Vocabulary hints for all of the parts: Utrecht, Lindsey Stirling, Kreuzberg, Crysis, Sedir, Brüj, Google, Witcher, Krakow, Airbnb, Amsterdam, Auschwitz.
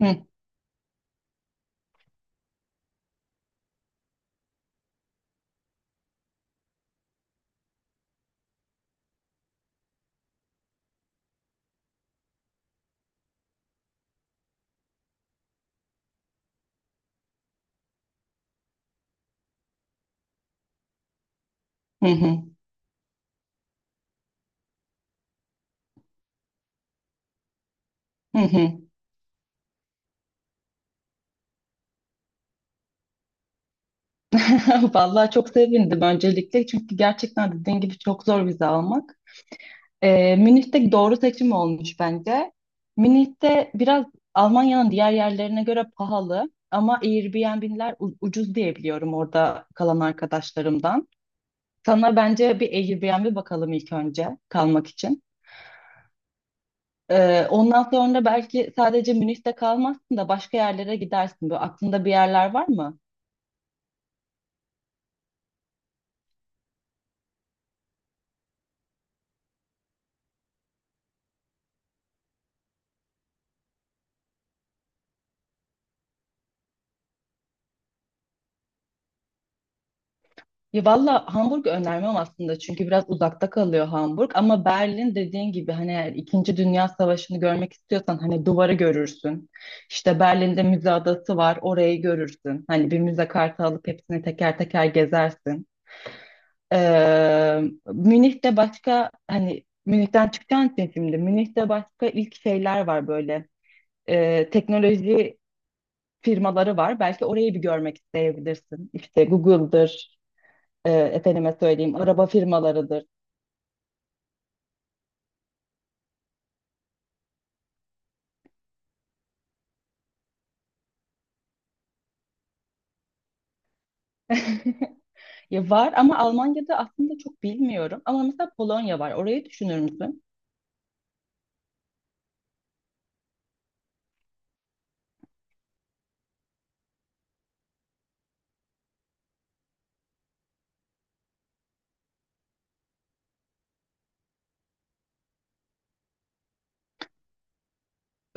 Hı hı hı hı. Hı. Vallahi çok sevindim öncelikle çünkü gerçekten dediğin gibi çok zor vize almak. Münih'te doğru seçim olmuş bence. Münih'te biraz Almanya'nın diğer yerlerine göre pahalı ama Airbnb'ler ucuz diye biliyorum orada kalan arkadaşlarımdan. Sana bence bir Airbnb bakalım ilk önce kalmak için. Ondan sonra belki sadece Münih'te kalmazsın da başka yerlere gidersin. Böyle aklında bir yerler var mı? Ya valla Hamburg önermem aslında çünkü biraz uzakta kalıyor Hamburg ama Berlin dediğin gibi hani eğer İkinci Dünya Savaşı'nı görmek istiyorsan hani duvarı görürsün. İşte Berlin'de müze adası var orayı görürsün. Hani bir müze kartı alıp hepsini teker teker gezersin. Ee, Münih'te başka hani Münih'ten çıkacaksın sen, şimdi Münih'te başka ilk şeyler var böyle. Teknoloji firmaları var. Belki orayı bir görmek isteyebilirsin. İşte Google'dır, efendime söyleyeyim, araba firmalarıdır. Ya var ama Almanya'da aslında çok bilmiyorum. Ama mesela Polonya var. Orayı düşünür müsün?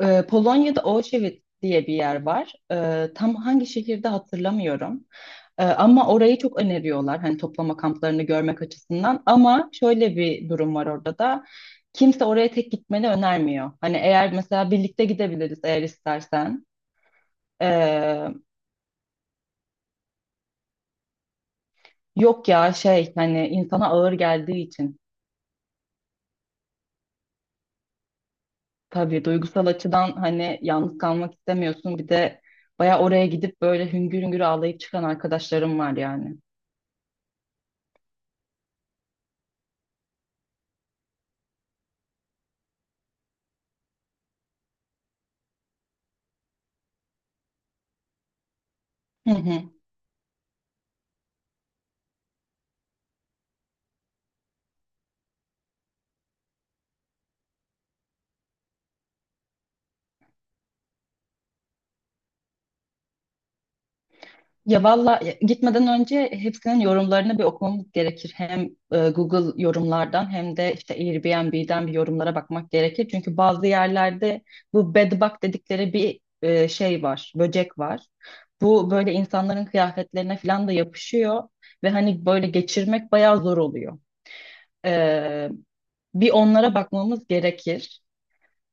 Polonya'da Auschwitz diye bir yer var. Tam hangi şehirde hatırlamıyorum. Ama orayı çok öneriyorlar. Hani toplama kamplarını görmek açısından. Ama şöyle bir durum var orada da. Kimse oraya tek gitmeni önermiyor. Hani eğer mesela birlikte gidebiliriz eğer istersen. Ee, yok ya, şey, hani insana ağır geldiği için. Tabii duygusal açıdan hani yalnız kalmak istemiyorsun. Bir de baya oraya gidip böyle hüngür hüngür ağlayıp çıkan arkadaşlarım var yani. Hı hı. Ya valla, gitmeden önce hepsinin yorumlarını bir okumamız gerekir. Hem Google yorumlardan hem de işte Airbnb'den bir yorumlara bakmak gerekir. Çünkü bazı yerlerde bu bed bug dedikleri bir şey var, böcek var. Bu böyle insanların kıyafetlerine falan da yapışıyor ve hani böyle geçirmek bayağı zor oluyor. E, bir onlara bakmamız gerekir.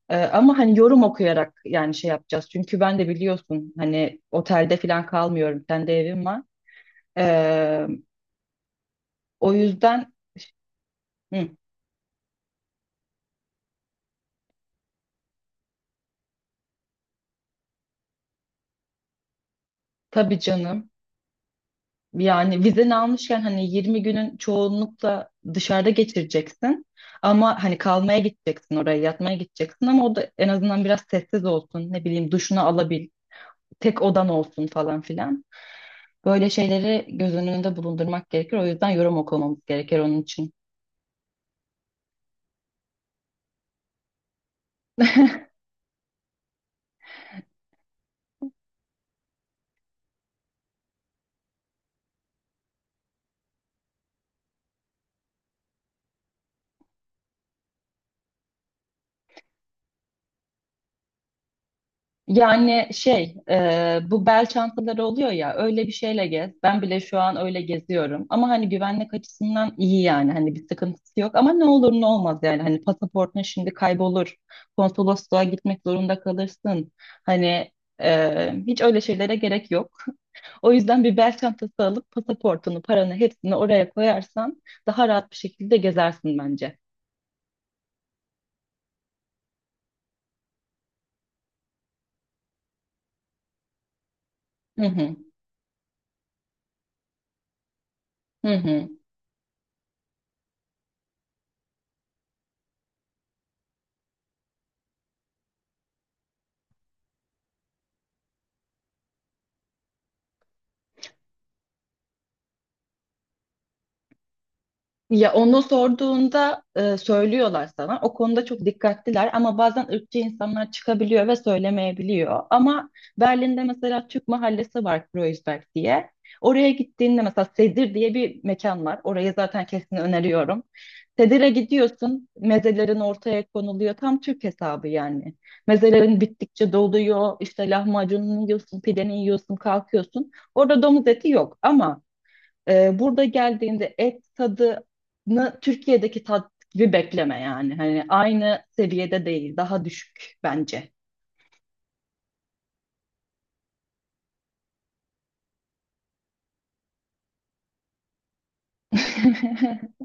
Ama hani yorum okuyarak yani şey yapacağız. Çünkü ben de biliyorsun hani otelde falan kalmıyorum. Kendi evim var. Ee, o yüzden, hı, tabii canım. Yani vizeni almışken hani 20 günün çoğunlukla dışarıda geçireceksin. Ama hani kalmaya gideceksin oraya, yatmaya gideceksin, ama o da en azından biraz sessiz olsun. Ne bileyim, duşunu alabil, tek odan olsun falan filan. Böyle şeyleri göz önünde bulundurmak gerekir. O yüzden yorum okumamız gerekir onun için. Yani şey, bu bel çantaları oluyor ya, öyle bir şeyle gez. Ben bile şu an öyle geziyorum. Ama hani güvenlik açısından iyi yani. Hani bir sıkıntısı yok. Ama ne olur ne olmaz yani. Hani pasaportun şimdi kaybolur. Konsolosluğa gitmek zorunda kalırsın. Hani hiç öyle şeylere gerek yok. O yüzden bir bel çantası alıp pasaportunu, paranı hepsini oraya koyarsan daha rahat bir şekilde gezersin bence. Hı hı. Hı hı. Ya onu sorduğunda söylüyorlar sana. O konuda çok dikkatliler ama bazen ırkçı insanlar çıkabiliyor ve söylemeyebiliyor. Ama Berlin'de mesela Türk mahallesi var, Kreuzberg diye. Oraya gittiğinde mesela Sedir diye bir mekan var. Orayı zaten kesin öneriyorum. Sedir'e gidiyorsun, mezelerin ortaya konuluyor. Tam Türk hesabı yani. Mezelerin bittikçe doluyor, işte lahmacununu yiyorsun, pideni yiyorsun, kalkıyorsun. Orada domuz eti yok ama burada geldiğinde et tadını Türkiye'deki tat gibi bekleme yani. Hani aynı seviyede değil, daha düşük bence.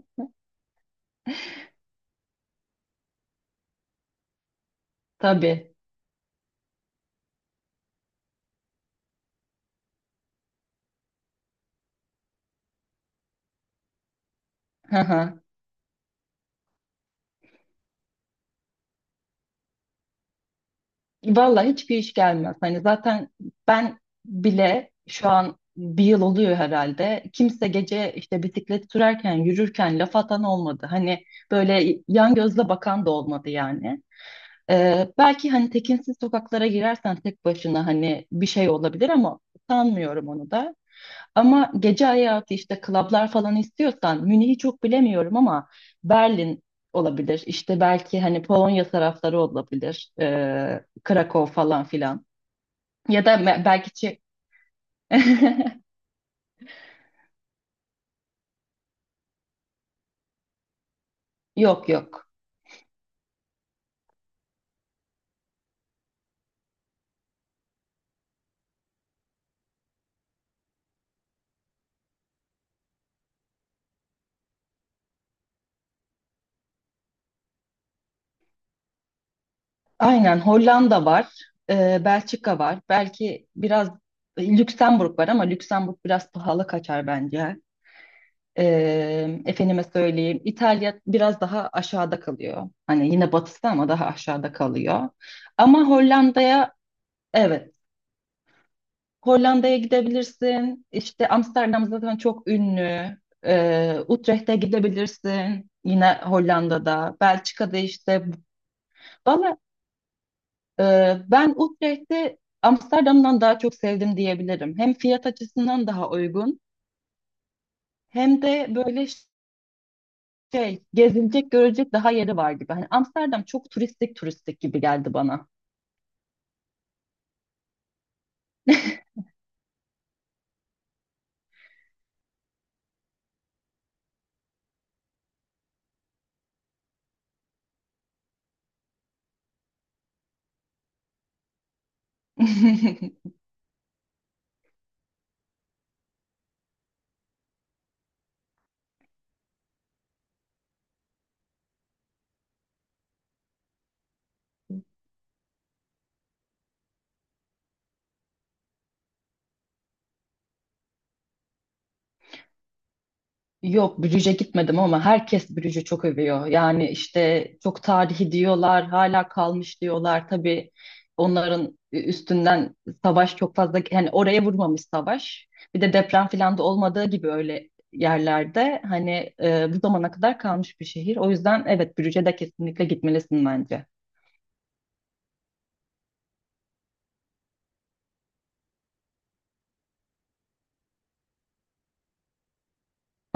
Tabii. Hı hı. Vallahi hiçbir iş gelmez. Hani zaten ben bile şu an bir yıl oluyor herhalde. Kimse gece işte bisiklet sürerken, yürürken laf atan olmadı. Hani böyle yan gözle bakan da olmadı yani. Belki hani tekinsiz sokaklara girersen tek başına hani bir şey olabilir ama sanmıyorum onu da. Ama gece hayatı, işte klablar falan istiyorsan, Münih'i çok bilemiyorum ama Berlin olabilir. İşte belki hani Polonya tarafları olabilir. Krakow falan filan. Ya da belki Yok yok. Aynen, Hollanda var. Belçika var. Belki biraz Lüksemburg var ama Lüksemburg biraz pahalı kaçar bence. Efendime söyleyeyim, İtalya biraz daha aşağıda kalıyor. Hani yine batısı ama daha aşağıda kalıyor. Ama Hollanda'ya, evet, Hollanda'ya gidebilirsin. İşte Amsterdam zaten çok ünlü. Utrecht'e gidebilirsin. Yine Hollanda'da. Belçika'da işte. Valla, e, ben Utrecht'i Amsterdam'dan daha çok sevdim diyebilirim. Hem fiyat açısından daha uygun hem de böyle şey, gezilecek görecek daha yeri var gibi. Hani Amsterdam çok turistik turistik gibi geldi bana. Yok, Brüj'e gitmedim ama herkes Brüj'ü çok övüyor. Yani işte çok tarihi diyorlar, hala kalmış diyorlar. Tabii onların üstünden savaş çok fazla yani oraya vurmamış savaş. Bir de deprem falan da olmadığı gibi öyle yerlerde hani bu zamana kadar kalmış bir şehir. O yüzden evet, Brüj'e de kesinlikle gitmelisin bence.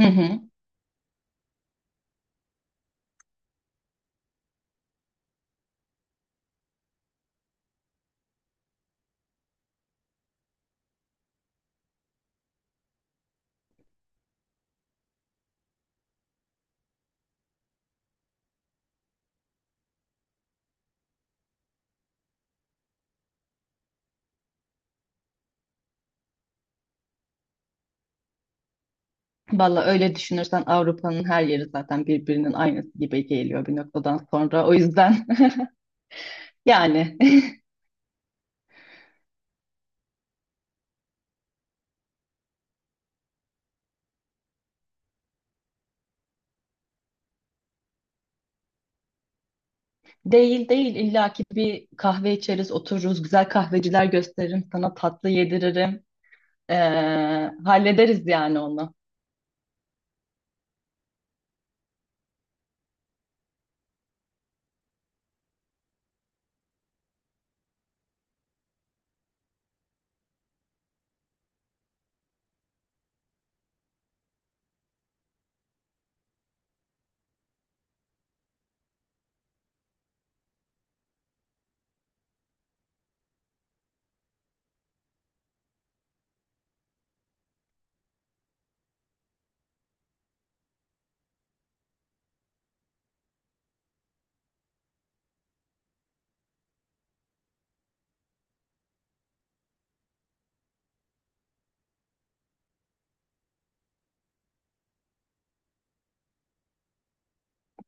Hı hı. Valla öyle düşünürsen Avrupa'nın her yeri zaten birbirinin aynısı gibi geliyor bir noktadan sonra. O yüzden yani. Değil değil, illaki bir kahve içeriz, otururuz, güzel kahveciler gösteririm sana, tatlı yediririm. Ee, hallederiz yani onu.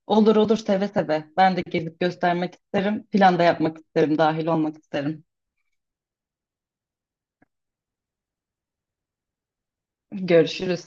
Olur olur, seve seve. Ben de gezip göstermek isterim. Plan da yapmak isterim, dahil olmak isterim. Görüşürüz.